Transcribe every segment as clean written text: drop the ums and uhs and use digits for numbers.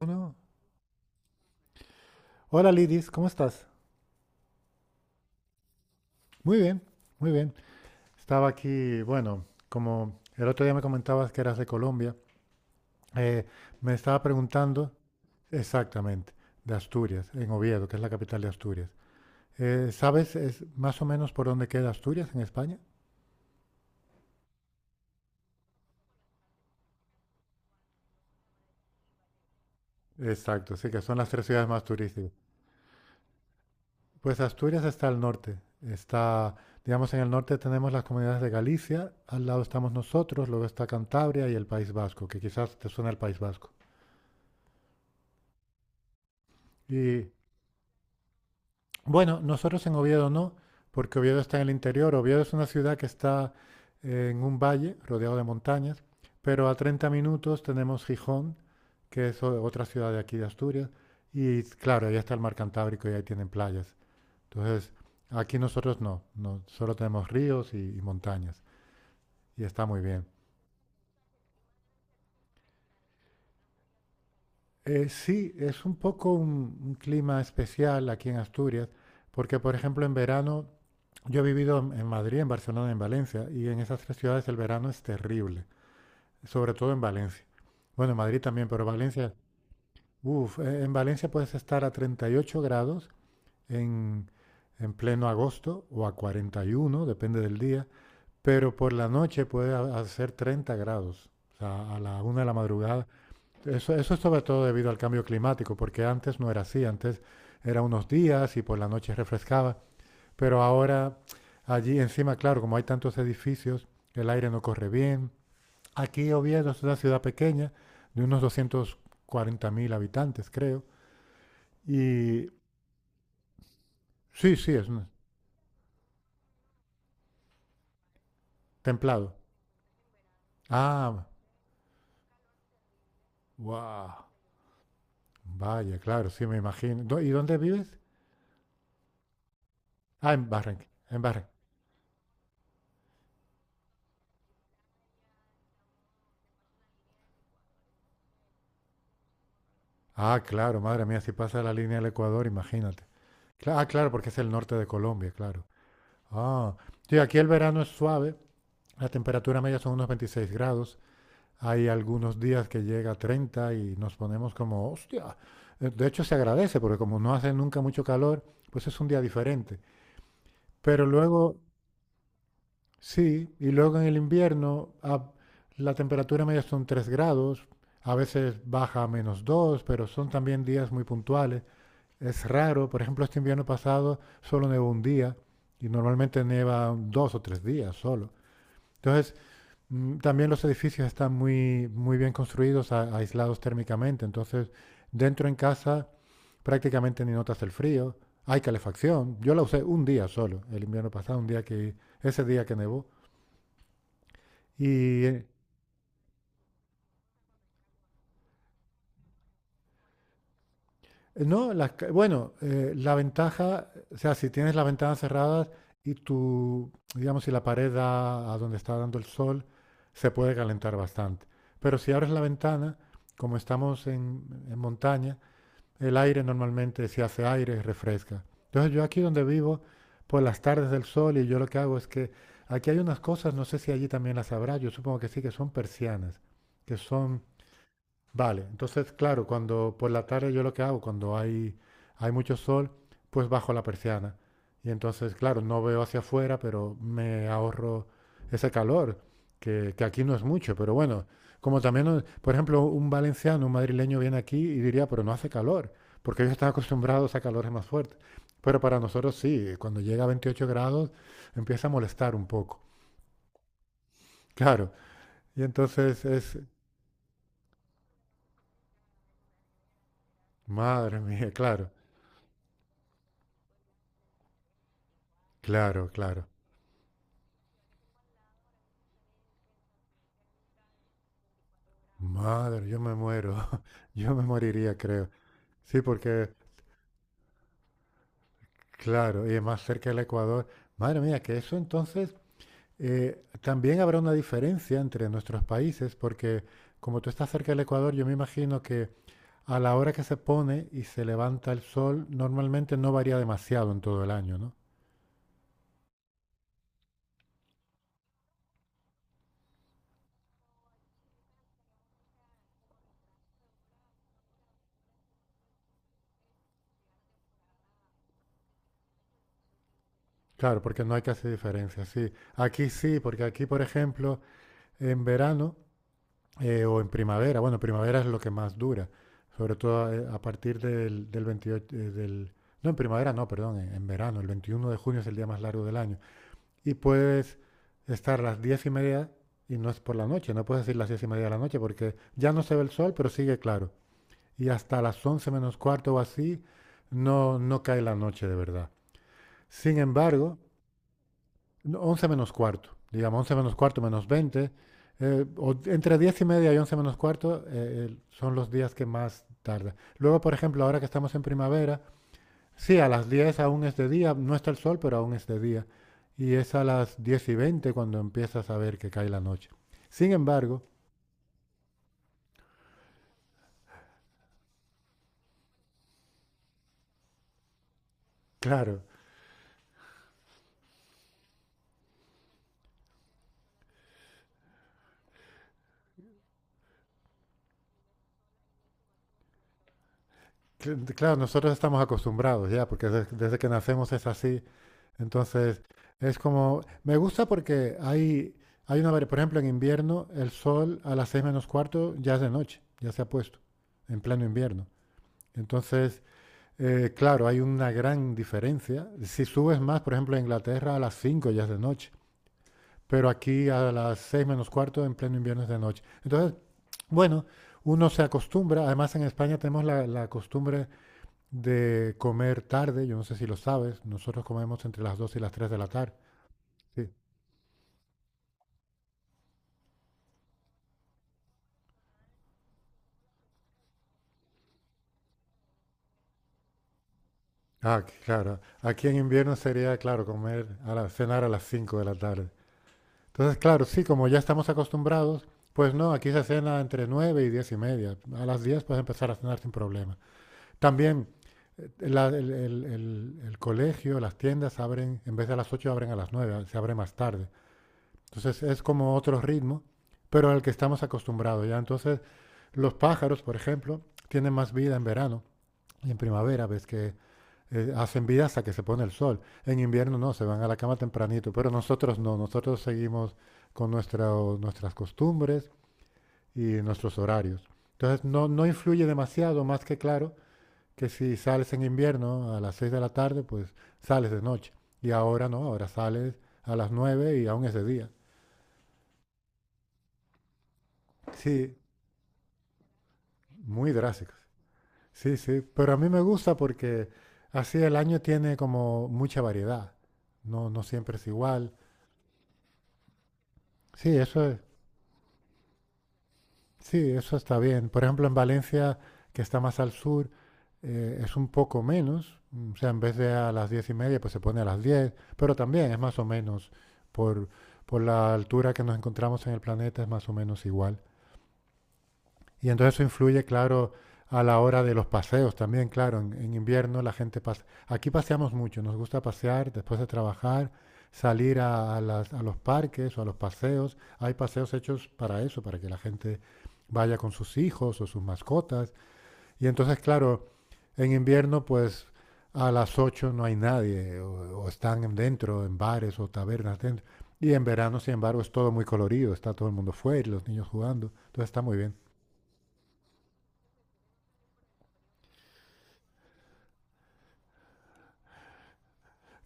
Uno. Hola Lidis, ¿cómo estás? Muy bien, muy bien. Estaba aquí, bueno, como el otro día me comentabas que eras de Colombia, eh, me estaba preguntando exactamente de Asturias, en Oviedo, que es la capital de Asturias. ¿Sabes es más o menos por dónde queda Asturias en España? Exacto, sí, que son las tres ciudades más turísticas. Pues Asturias está al norte. Está, digamos, en el norte tenemos las comunidades de Galicia, al lado estamos nosotros, luego está Cantabria y el País Vasco, que quizás te suena el País Vasco. Y Bueno, nosotros en Oviedo no, porque Oviedo está en el interior. Oviedo es una ciudad que está en un valle rodeado de montañas, pero a 30 minutos tenemos Gijón, que es otra ciudad de aquí de Asturias, y claro, ahí está el mar Cantábrico y ahí tienen playas. Entonces, aquí nosotros no, solo tenemos ríos y montañas, y está muy bien. Sí, es un poco un clima especial aquí en Asturias, porque por ejemplo en verano yo he vivido en Madrid, en Barcelona, en Valencia, y en esas tres ciudades el verano es terrible, sobre todo en Valencia. Bueno, en Madrid también, pero Valencia, uff, en Valencia puedes estar a 38 grados en, en pleno agosto o a 41, depende del día, pero por la noche puede hacer 30 grados, o sea, a la una de la madrugada. Eso es sobre todo debido al cambio climático, porque antes no era así, antes era unos días y por la noche refrescaba, pero ahora allí encima, claro, como hay tantos edificios, el aire no corre bien. Aquí Oviedo es una ciudad pequeña, de unos doscientos cuarenta mil habitantes, creo. Y sí, sí, es un- templado. Ah, wow. Vaya, claro, sí, me imagino. ¿Y dónde vives? Ah, en Barranquilla. En Barranquilla. Ah, claro, madre mía, si pasa la línea del Ecuador, imagínate. Ah, claro, porque es el norte de Colombia, claro. Ah, sí, aquí el verano es suave, la temperatura media son unos 26 grados. Hay algunos días que llega a 30 y nos ponemos como, hostia. De hecho, se agradece porque como no hace nunca mucho calor, pues es un día diferente. Pero luego, sí, y luego en el invierno la temperatura media son 3 grados, a veces baja a menos 2 pero son también días muy puntuales. Es raro, por ejemplo, este invierno pasado solo nevó un día y normalmente nieva dos o tres días solo. Entonces también los edificios están muy, muy bien construidos, aislados térmicamente. Entonces, dentro en casa prácticamente ni notas el frío. Hay calefacción. Yo la usé un día solo, el invierno pasado, un día que, ese día que nevó. Y eh, no, bueno, la ventaja, o sea, si tienes las ventanas cerradas y tu, digamos, si la pared da a donde está dando el sol, se puede calentar bastante. Pero si abres la ventana, como estamos en montaña, el aire normalmente, si hace aire, refresca. Entonces yo aquí donde vivo, por las tardes del sol, y yo lo que hago es que aquí hay unas cosas, no sé si allí también las habrá, yo supongo que sí, que son persianas, que son vale, entonces, claro, cuando por la tarde yo lo que hago, cuando hay mucho sol, pues bajo la persiana. Y entonces, claro, no veo hacia afuera, pero me ahorro ese calor, que aquí no es mucho, pero bueno, como también, no- por ejemplo, un valenciano, un madrileño viene aquí y diría, pero no hace calor, porque ellos están acostumbrados a calores más fuertes. Pero para nosotros sí, cuando llega a 28 grados empieza a molestar un poco, claro. Y entonces es, madre mía, claro, claro. Madre, yo me muero, yo me moriría, creo. Sí, porque, claro, y más cerca del Ecuador. Madre mía, que eso entonces también habrá una diferencia entre nuestros países, porque como tú estás cerca del Ecuador, yo me imagino que a la hora que se pone y se levanta el sol, normalmente no varía demasiado en todo el año, ¿no? Claro, porque no hay casi diferencia, sí. Aquí sí, porque aquí, por ejemplo, en verano o en primavera. Bueno, primavera es lo que más dura, sobre todo partir del 28, no en primavera, no, perdón, en verano. El 21 de junio es el día más largo del año. Y puedes estar a las 10 y media y no es por la noche, no puedes decir las 10 y media de la noche porque ya no se ve el sol, pero sigue claro. Y hasta las once menos cuarto o así no, no cae la noche de verdad. Sin embargo, no, 11 menos cuarto, digamos, 11 menos cuarto menos 20 o entre 10 y media y 11 menos cuarto son los días que más tarda. Luego, por ejemplo, ahora que estamos en primavera, sí, a las 10 aún es de día, no está el sol, pero aún es de día. Y es a las 10 y 20 cuando empiezas a ver que cae la noche. Sin embargo, claro, claro, nosotros estamos acostumbrados ya, porque desde, que nacemos es así. Entonces, es como, me gusta porque hay una, por ejemplo, en invierno, el sol a las seis menos cuarto ya es de noche, ya se ha puesto, en pleno invierno. Entonces, claro, hay una gran diferencia. Si subes más, por ejemplo, a Inglaterra a las 5 ya es de noche, pero aquí a las seis menos cuarto en pleno invierno es de noche. Entonces, bueno, uno se acostumbra. Además, en España tenemos la costumbre de comer tarde, yo no sé si lo sabes, nosotros comemos entre las 2 y las 3 de la tarde. Sí. Ah, ok, claro. Aquí en invierno sería, claro, comer cenar a las 5 de la tarde. Entonces, claro, sí, como ya estamos acostumbrados, pues no, aquí se cena entre 9 y 10 y media. A las 10 puedes empezar a cenar sin problema. También el colegio, las tiendas abren, en vez de a las 8 abren a las 9 se abre más tarde. Entonces es como otro ritmo, pero al que estamos acostumbrados ya. Entonces los pájaros, por ejemplo, tienen más vida en verano y en primavera, ves que hacen vida hasta que se pone el sol. En invierno no, se van a la cama tempranito, pero nosotros no, nosotros seguimos con nuestras costumbres y nuestros horarios. Entonces no, no influye demasiado, más que claro, que si sales en invierno a las 6 de la tarde, pues sales de noche. Y ahora no, ahora sales a las 9 y aún es de día. Sí, muy drásticos. Sí, sí, pero a mí me gusta porque así el año tiene como mucha variedad. No, no siempre es igual. Sí, eso es- sí, eso está bien. Por ejemplo, en Valencia, que está más al sur, es un poco menos. O sea, en vez de a las diez y media, pues se pone a las diez. Pero también es más o menos por, por la altura que nos encontramos en el planeta, es más o menos igual. Y entonces eso influye, claro, a la hora de los paseos también, claro, en invierno la gente pasa. Aquí paseamos mucho, nos gusta pasear después de trabajar, salir a a los parques o a los paseos. Hay paseos hechos para eso, para que la gente vaya con sus hijos o sus mascotas. Y entonces, claro, en invierno pues a las 8 no hay nadie o están dentro, en bares o tabernas dentro. Y en verano, sin embargo, es todo muy colorido, está todo el mundo fuera y los niños jugando. Entonces está muy bien.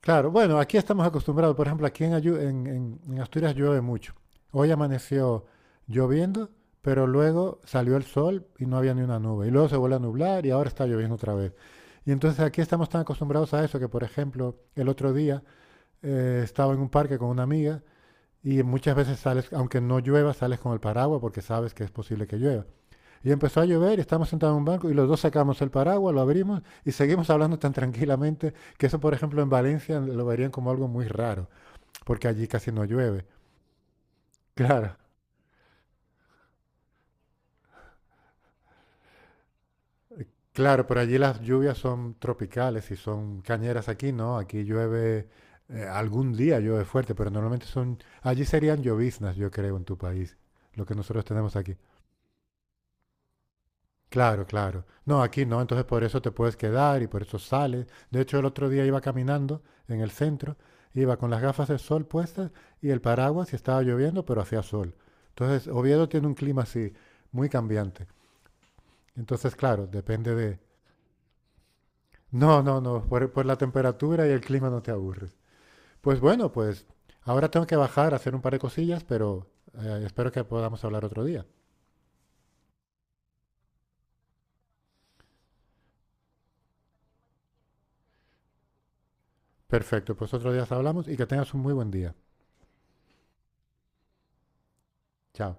Claro, bueno, aquí estamos acostumbrados. Por ejemplo, aquí en, Ayu- en Asturias llueve mucho. Hoy amaneció lloviendo, pero luego salió el sol y no había ni una nube. Y luego se vuelve a nublar y ahora está lloviendo otra vez. Y entonces aquí estamos tan acostumbrados a eso que, por ejemplo, el otro día estaba en un parque con una amiga y muchas veces sales, aunque no llueva, sales con el paraguas porque sabes que es posible que llueva. Y empezó a llover y estábamos sentados en un banco y los dos sacamos el paraguas, lo abrimos y seguimos hablando tan tranquilamente que eso, por ejemplo, en Valencia lo verían como algo muy raro, porque allí casi no llueve. Claro, claro, pero allí las lluvias son tropicales y son cañeras aquí, ¿no? Aquí llueve, algún día llueve fuerte, pero normalmente son, allí serían lloviznas, yo creo, en tu país, lo que nosotros tenemos aquí. Claro. No, aquí no, entonces por eso te puedes quedar y por eso sales. De hecho, el otro día iba caminando en el centro, iba con las gafas de sol puestas y el paraguas y estaba lloviendo, pero hacía sol. Entonces, Oviedo tiene un clima así, muy cambiante. Entonces, claro, depende de... No, por la temperatura y el clima no te aburres. Pues bueno, ahora tengo que bajar a hacer un par de cosillas, pero espero que podamos hablar otro día. Perfecto, pues otro día hablamos y que tengas un muy buen día. Chao.